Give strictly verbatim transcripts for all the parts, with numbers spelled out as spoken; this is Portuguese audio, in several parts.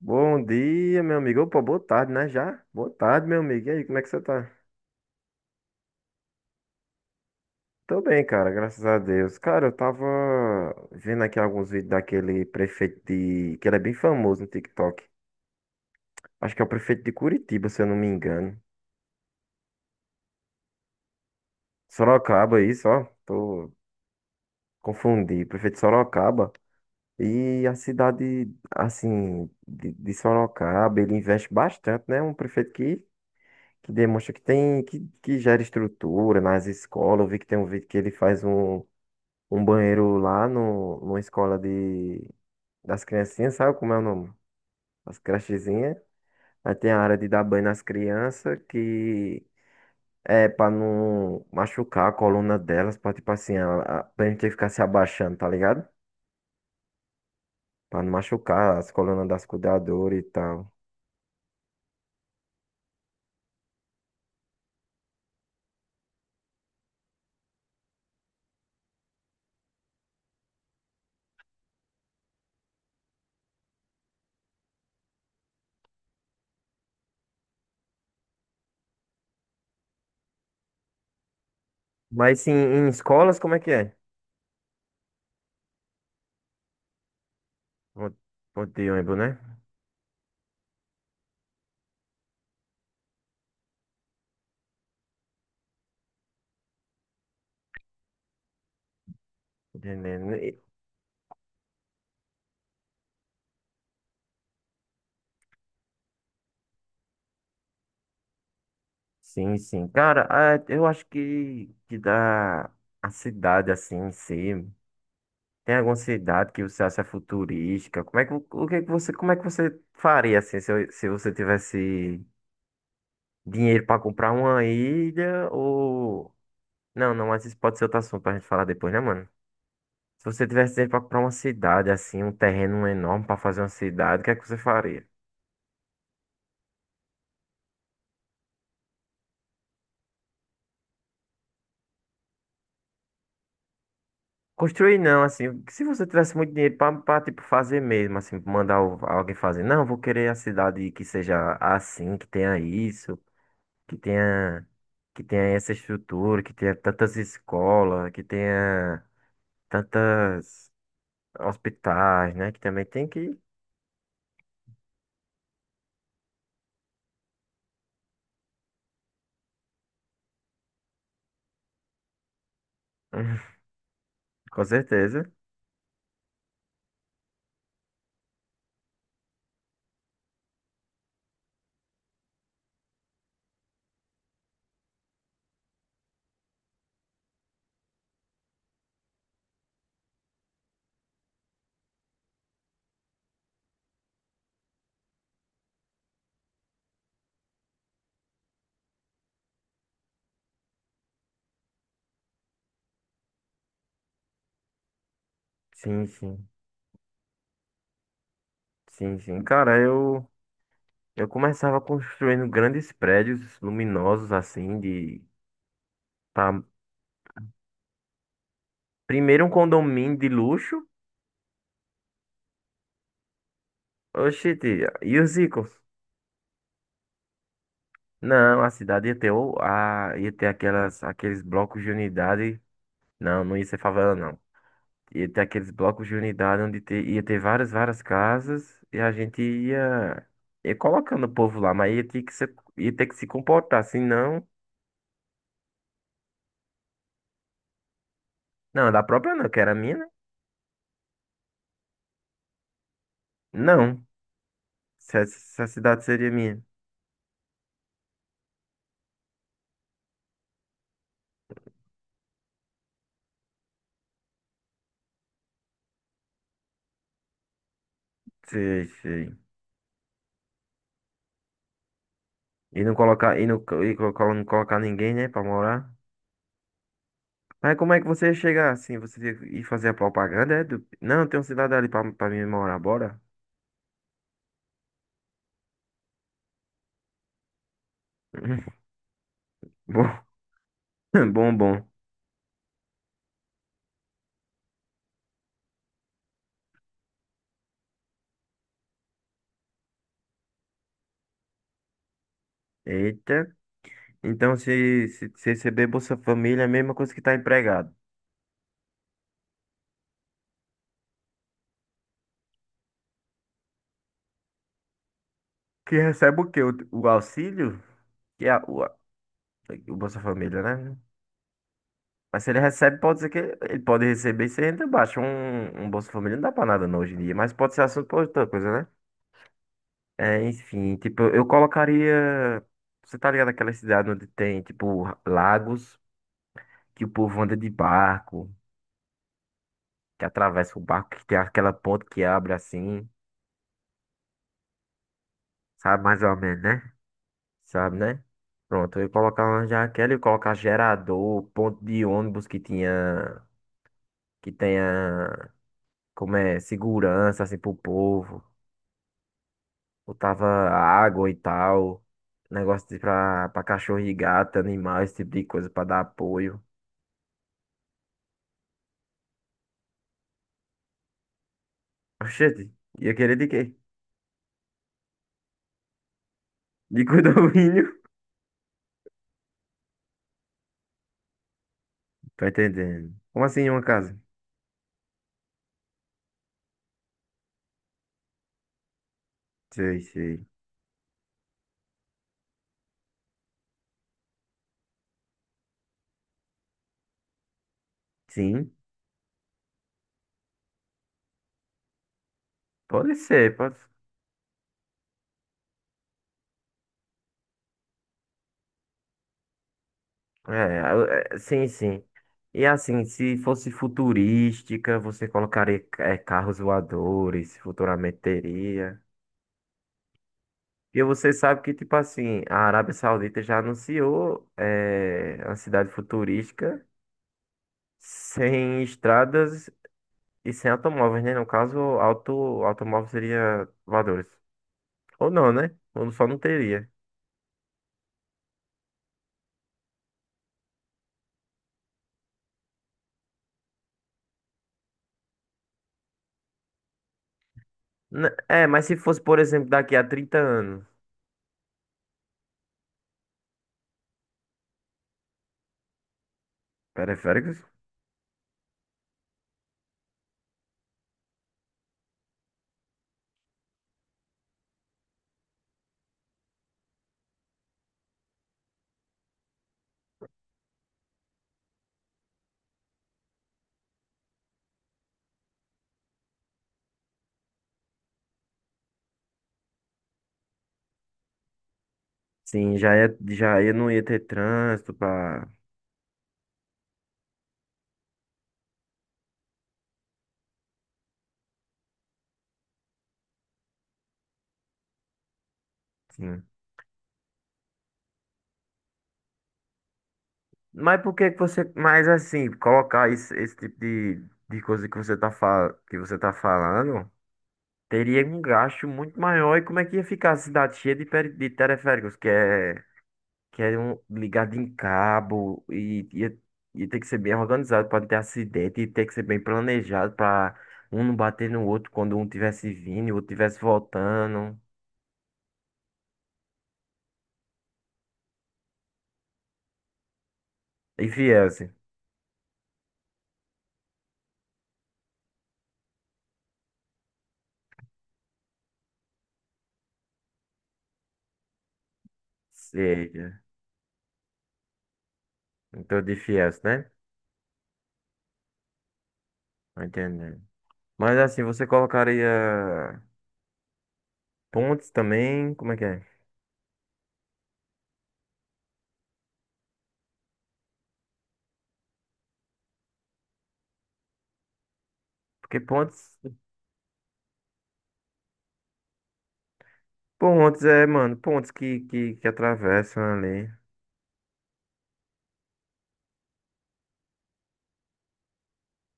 Bom dia, meu amigo. Opa, boa tarde, né? Já? Boa tarde, meu amigo. E aí, como é que você tá? Tô bem, cara, graças a Deus. Cara, eu tava vendo aqui alguns vídeos daquele prefeito de... que ele é bem famoso no TikTok. Acho que é o prefeito de Curitiba, se eu não me engano. Sorocaba, isso, ó. Tô... Confundi. Prefeito de Sorocaba. E a cidade, assim, de, de Sorocaba, ele investe bastante, né? Um prefeito que que demonstra que tem que, que gera estrutura nas escolas. Eu vi que tem um vídeo que ele faz um um banheiro lá no, numa escola de, das criancinhas, sabe como é o nome? As crechezinhas. Aí tem a área de dar banho nas crianças, que é pra não machucar a coluna delas, pra tipo assim, a, a, pra gente ter que ficar se abaixando, tá ligado? Pra não machucar as colunas das cuidadoras e tal. Mas sim, em escolas, como é que é? Onde onde eu lembro, né? Entendendo. E- Sim, sim. Cara, ah, eu acho que, que dá a cidade assim em si. Tem alguma cidade que você acha futurística? Como é que, o que é que você, como é que você faria assim, se, eu- se você tivesse dinheiro para comprar uma ilha ou não, não, mas isso pode ser outro assunto pra gente falar depois, né, mano? Se você tivesse dinheiro para comprar uma cidade assim, um terreno enorme para fazer uma cidade, o que é que você faria? Construir não, assim, se você tivesse muito dinheiro para tipo fazer mesmo, assim, mandar o- alguém fazer, não, vou querer a cidade que seja assim, que tenha isso. que tenha que tenha essa estrutura, que tenha tantas escolas, que tenha tantas hospitais, né? Que também tem que, com certeza. Sim, sim, sim, sim. Cara, eu eu começava construindo grandes prédios luminosos assim de pra- primeiro um condomínio de luxo. Oxi, e os ricos? Não, a cidade ia ter o- a ia ter aquelas aqueles blocos de unidade. Não, não ia ser favela, não. Ia ter aqueles blocos de unidade onde te- ia ter várias, várias casas e a gente ia, ia colocando o povo lá, mas ia ter que se, ia ter que se comportar, senão. Não, da própria não, que era minha, né? Não. Se a, se a cidade seria minha. Sei, sei. E não colocar, e não, co- e colocar não colocar ninguém, né, pra morar. Mas como é que você ia chegar assim? Você ia ia fazer a propaganda? é, do- Não, tem uma cidade ali pra, pra mim morar, bora? Bom, bom, bom. Eita. Então, se, se, se receber Bolsa Família, é a mesma coisa que tá empregado. Que recebe o quê? O, o auxílio? Que é a- o, a- o Bolsa Família, né? Mas se ele recebe, pode ser que ele, ele pode receber sem renda baixa. Um, um Bolsa Família não dá pra nada não, hoje em dia, mas pode ser assunto pra outra coisa, né? É, enfim, tipo, eu colocaria. Você tá ligado aquela cidade onde tem, tipo, lagos que o povo anda de barco, que atravessa o barco, que tem aquela ponte que abre assim, sabe mais ou menos, né? Sabe, né? Pronto, eu ia colocar uma jaqueta, eu ia colocar gerador, ponto de ônibus que tinha, que tenha, como é, segurança, assim, pro povo. Botava água e tal, negócio de pra, pra cachorro e gato, animal, esse tipo de coisa, pra dar apoio. Oxente, ia querer de quê? De condomínio? Tá entendendo? Como assim uma casa? Sei, sei. Sim, pode ser, pode é, é, sim, sim. E assim, se fosse futurística, você colocaria é, carros voadores, futuramente teria. E você sabe que, tipo assim, a Arábia Saudita já anunciou é, uma cidade futurística sem estradas e sem automóveis, né? No caso, auto, automóvel seria voadores. Ou não, né? Ou só não teria. N- É, mas se fosse, por exemplo, daqui a trinta anos, periféricos? Sim, já ia, já ia, não ia ter trânsito pra. Sim. Mas por que que você. Mas assim, colocar esse, esse tipo de, de coisa que você tá, fa- que você tá falando, teria um gasto muito maior. E como é que ia ficar a cidade cheia de, peri- de teleféricos? Que é, que é um, ligado em cabo e ia, ia ter que ser bem organizado para não ter acidente, e ter que ser bem planejado para um não bater no outro quando um tivesse vindo e o outro tivesse voltando. Enfim, é assim. Sei. Então, de fiéis, né? Tô entendendo. Mas assim, você colocaria pontes também? Como é que é? Porque pontes. Pontes é, mano, pontes que, que, que atravessam ali.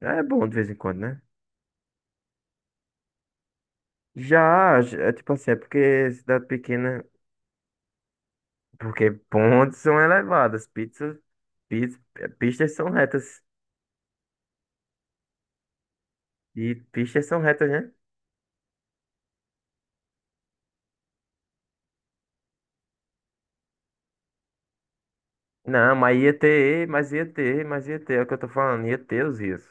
É bom de vez em quando, né? Já, já- é tipo assim, é porque cidade pequena. Porque pontes são elevadas, pizzas, piz- pistas são retas. E pistas são retas, né? Não, mas ia ter, mas ia ter, mas ia ter, é o que eu tô falando, ia ter os rios.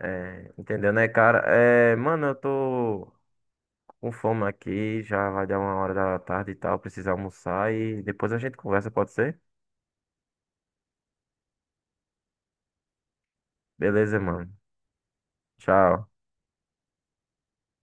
É, entendeu, né, cara? É, mano, eu tô com fome aqui, já vai dar uma hora da tarde e tal, precisa almoçar e depois a gente conversa, pode ser? Beleza, mano. Tchau.